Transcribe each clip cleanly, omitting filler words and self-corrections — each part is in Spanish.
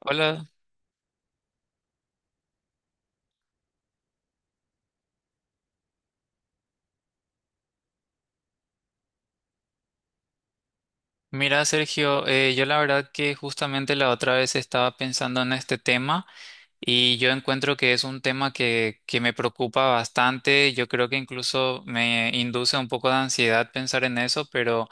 Hola, mira Sergio, yo la verdad que justamente la otra vez estaba pensando en este tema y yo encuentro que es un tema que me preocupa bastante. Yo creo que incluso me induce un poco de ansiedad pensar en eso, pero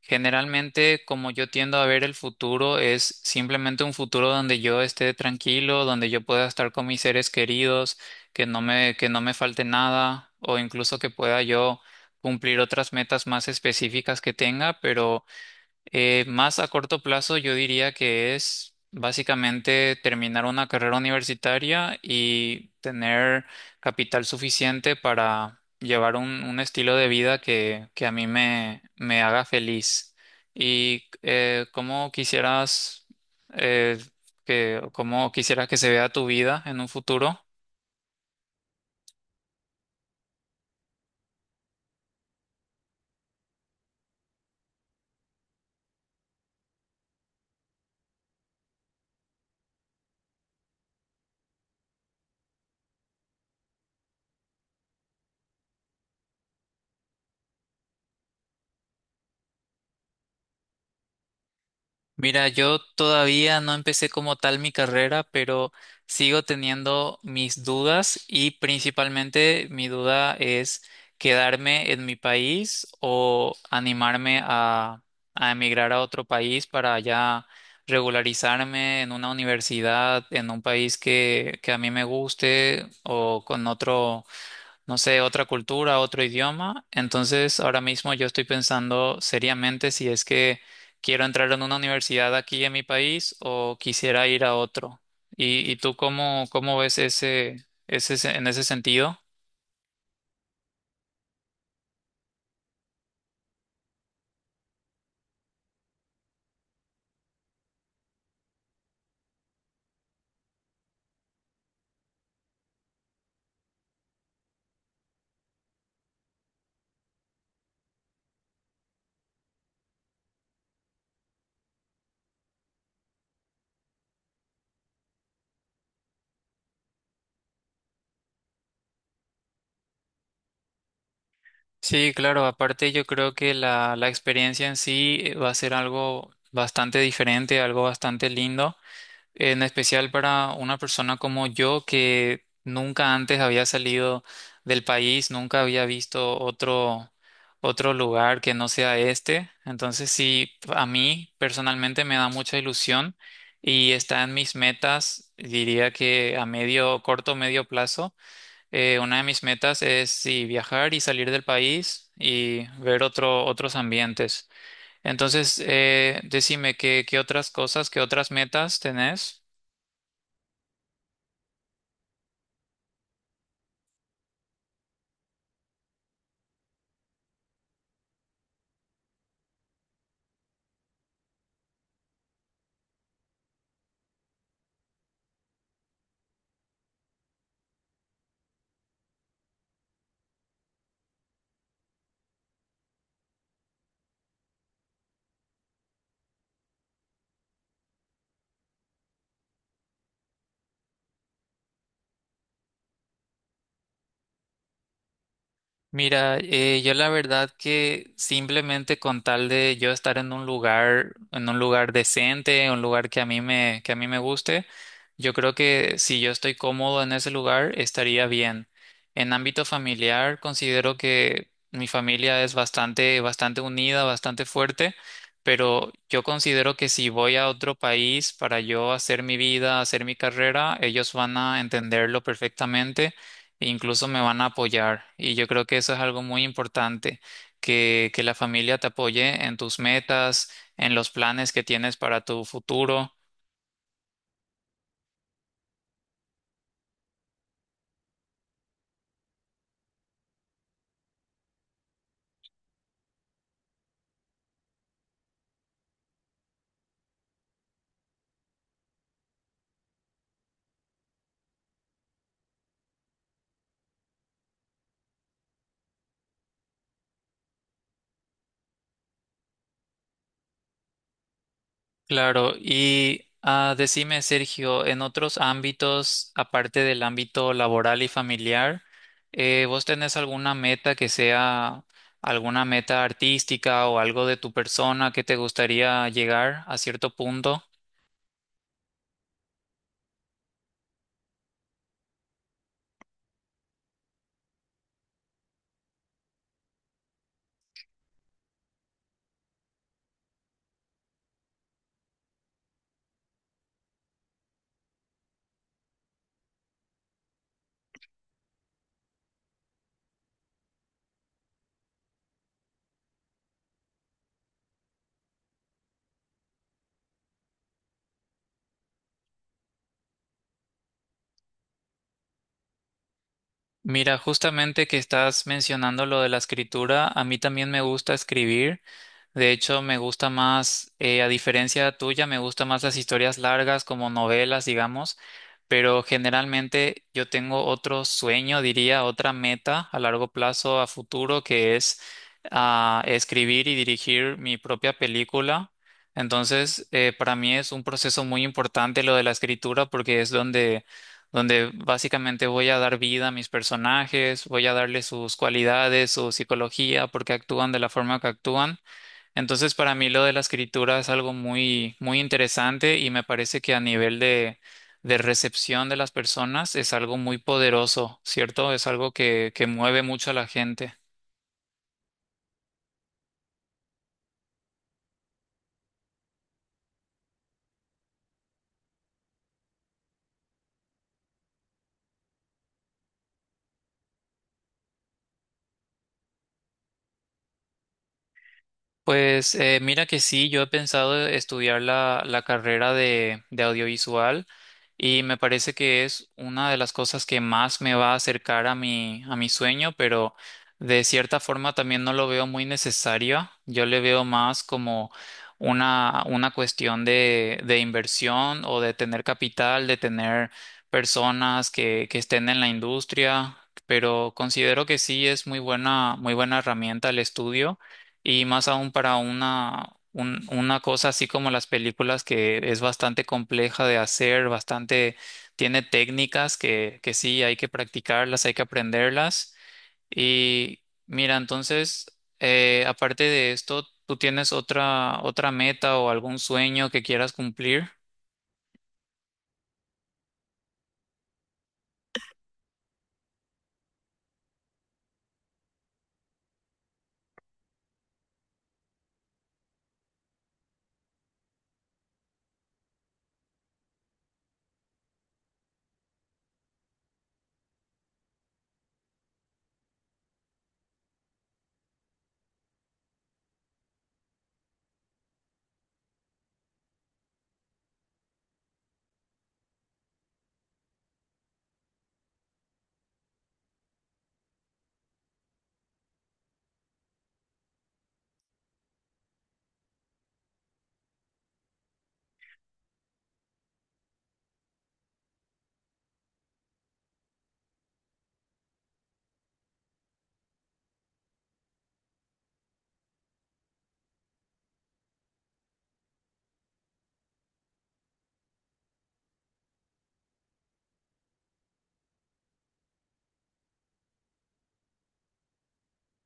generalmente como yo tiendo a ver el futuro es simplemente un futuro donde yo esté tranquilo, donde yo pueda estar con mis seres queridos, que no me falte nada o incluso que pueda yo cumplir otras metas más específicas que tenga, pero... más a corto plazo, yo diría que es básicamente terminar una carrera universitaria y tener capital suficiente para llevar un estilo de vida que a mí me haga feliz. ¿Y cómo quisieras eh, cómo quisieras que se vea tu vida en un futuro? Mira, yo todavía no empecé como tal mi carrera, pero sigo teniendo mis dudas y principalmente mi duda es quedarme en mi país o animarme a emigrar a otro país para ya regularizarme en una universidad, en un país que a mí me guste o con otro, no sé, otra cultura, otro idioma. Entonces, ahora mismo yo estoy pensando seriamente si es que quiero entrar en una universidad aquí en mi país o quisiera ir a otro. Y tú cómo, cómo ves ese, ese en ese sentido? Sí, claro, aparte yo creo que la experiencia en sí va a ser algo bastante diferente, algo bastante lindo, en especial para una persona como yo que nunca antes había salido del país, nunca había visto otro lugar que no sea este. Entonces sí, a mí personalmente me da mucha ilusión y está en mis metas, diría que a medio, corto, medio plazo. Una de mis metas es sí, viajar y salir del país y ver otros ambientes. Entonces, decime, ¿qué, qué otras cosas, qué otras metas tenés? Mira, yo la verdad que simplemente con tal de yo estar en un lugar decente, un lugar que a mí que a mí me guste, yo creo que si yo estoy cómodo en ese lugar, estaría bien. En ámbito familiar, considero que mi familia es bastante, bastante unida, bastante fuerte, pero yo considero que si voy a otro país para yo hacer mi vida, hacer mi carrera, ellos van a entenderlo perfectamente e incluso me van a apoyar. Y yo creo que eso es algo muy importante, que la familia te apoye en tus metas, en los planes que tienes para tu futuro. Claro, y ah, decime, Sergio, en otros ámbitos, aparte del ámbito laboral y familiar, ¿vos tenés alguna meta que sea alguna meta artística o algo de tu persona que te gustaría llegar a cierto punto? Mira, justamente que estás mencionando lo de la escritura, a mí también me gusta escribir. De hecho, me gusta más, a diferencia tuya, me gustan más las historias largas como novelas, digamos, pero generalmente yo tengo otro sueño, diría, otra meta a largo plazo, a futuro, que es ah, escribir y dirigir mi propia película. Entonces, para mí es un proceso muy importante lo de la escritura porque es donde donde básicamente voy a dar vida a mis personajes, voy a darle sus cualidades, su psicología, por qué actúan de la forma que actúan. Entonces, para mí lo de la escritura es algo muy, muy interesante y me parece que a nivel de recepción de las personas es algo muy poderoso, ¿cierto? Es algo que mueve mucho a la gente. Pues mira que sí, yo he pensado estudiar la carrera de audiovisual y me parece que es una de las cosas que más me va a acercar a a mi sueño, pero de cierta forma también no lo veo muy necesario. Yo le veo más como una cuestión de inversión o de tener capital, de tener personas que estén en la industria, pero considero que sí es muy buena herramienta el estudio. Y más aún para una cosa así como las películas que es bastante compleja de hacer, bastante, tiene técnicas que sí hay que practicarlas, hay que aprenderlas. Y mira, entonces, aparte de esto, ¿tú tienes otra, otra meta o algún sueño que quieras cumplir?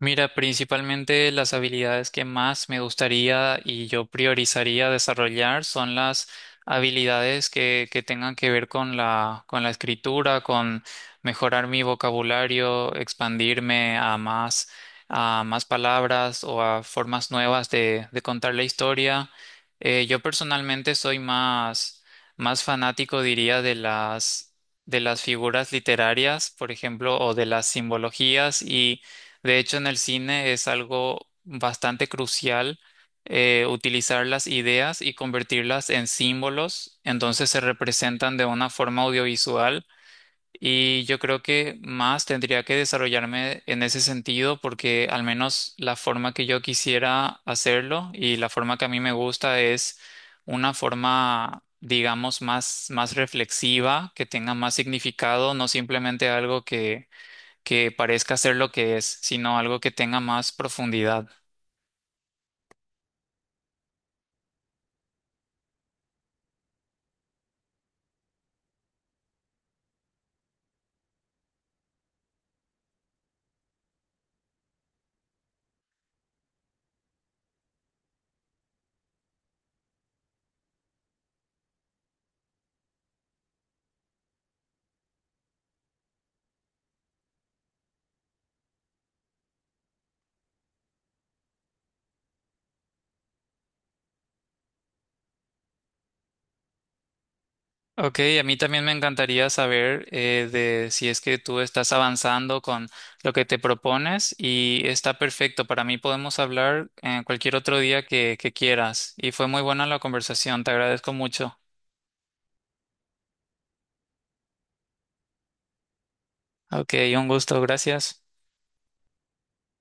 Mira, principalmente las habilidades que más me gustaría y yo priorizaría desarrollar son las habilidades que tengan que ver con con la escritura, con mejorar mi vocabulario, expandirme a más palabras o a formas nuevas de contar la historia. Yo personalmente soy más, más fanático, diría, de de las figuras literarias, por ejemplo, o de las simbologías y de hecho, en el cine es algo bastante crucial utilizar las ideas y convertirlas en símbolos, entonces se representan de una forma audiovisual y yo creo que más tendría que desarrollarme en ese sentido porque al menos la forma que yo quisiera hacerlo y la forma que a mí me gusta es una forma, digamos, más, más reflexiva, que tenga más significado, no simplemente algo que parezca ser lo que es, sino algo que tenga más profundidad. Ok, a mí también me encantaría saber de si es que tú estás avanzando con lo que te propones y está perfecto. Para mí podemos hablar en cualquier otro día que quieras. Y fue muy buena la conversación, te agradezco mucho. Ok, un gusto, gracias.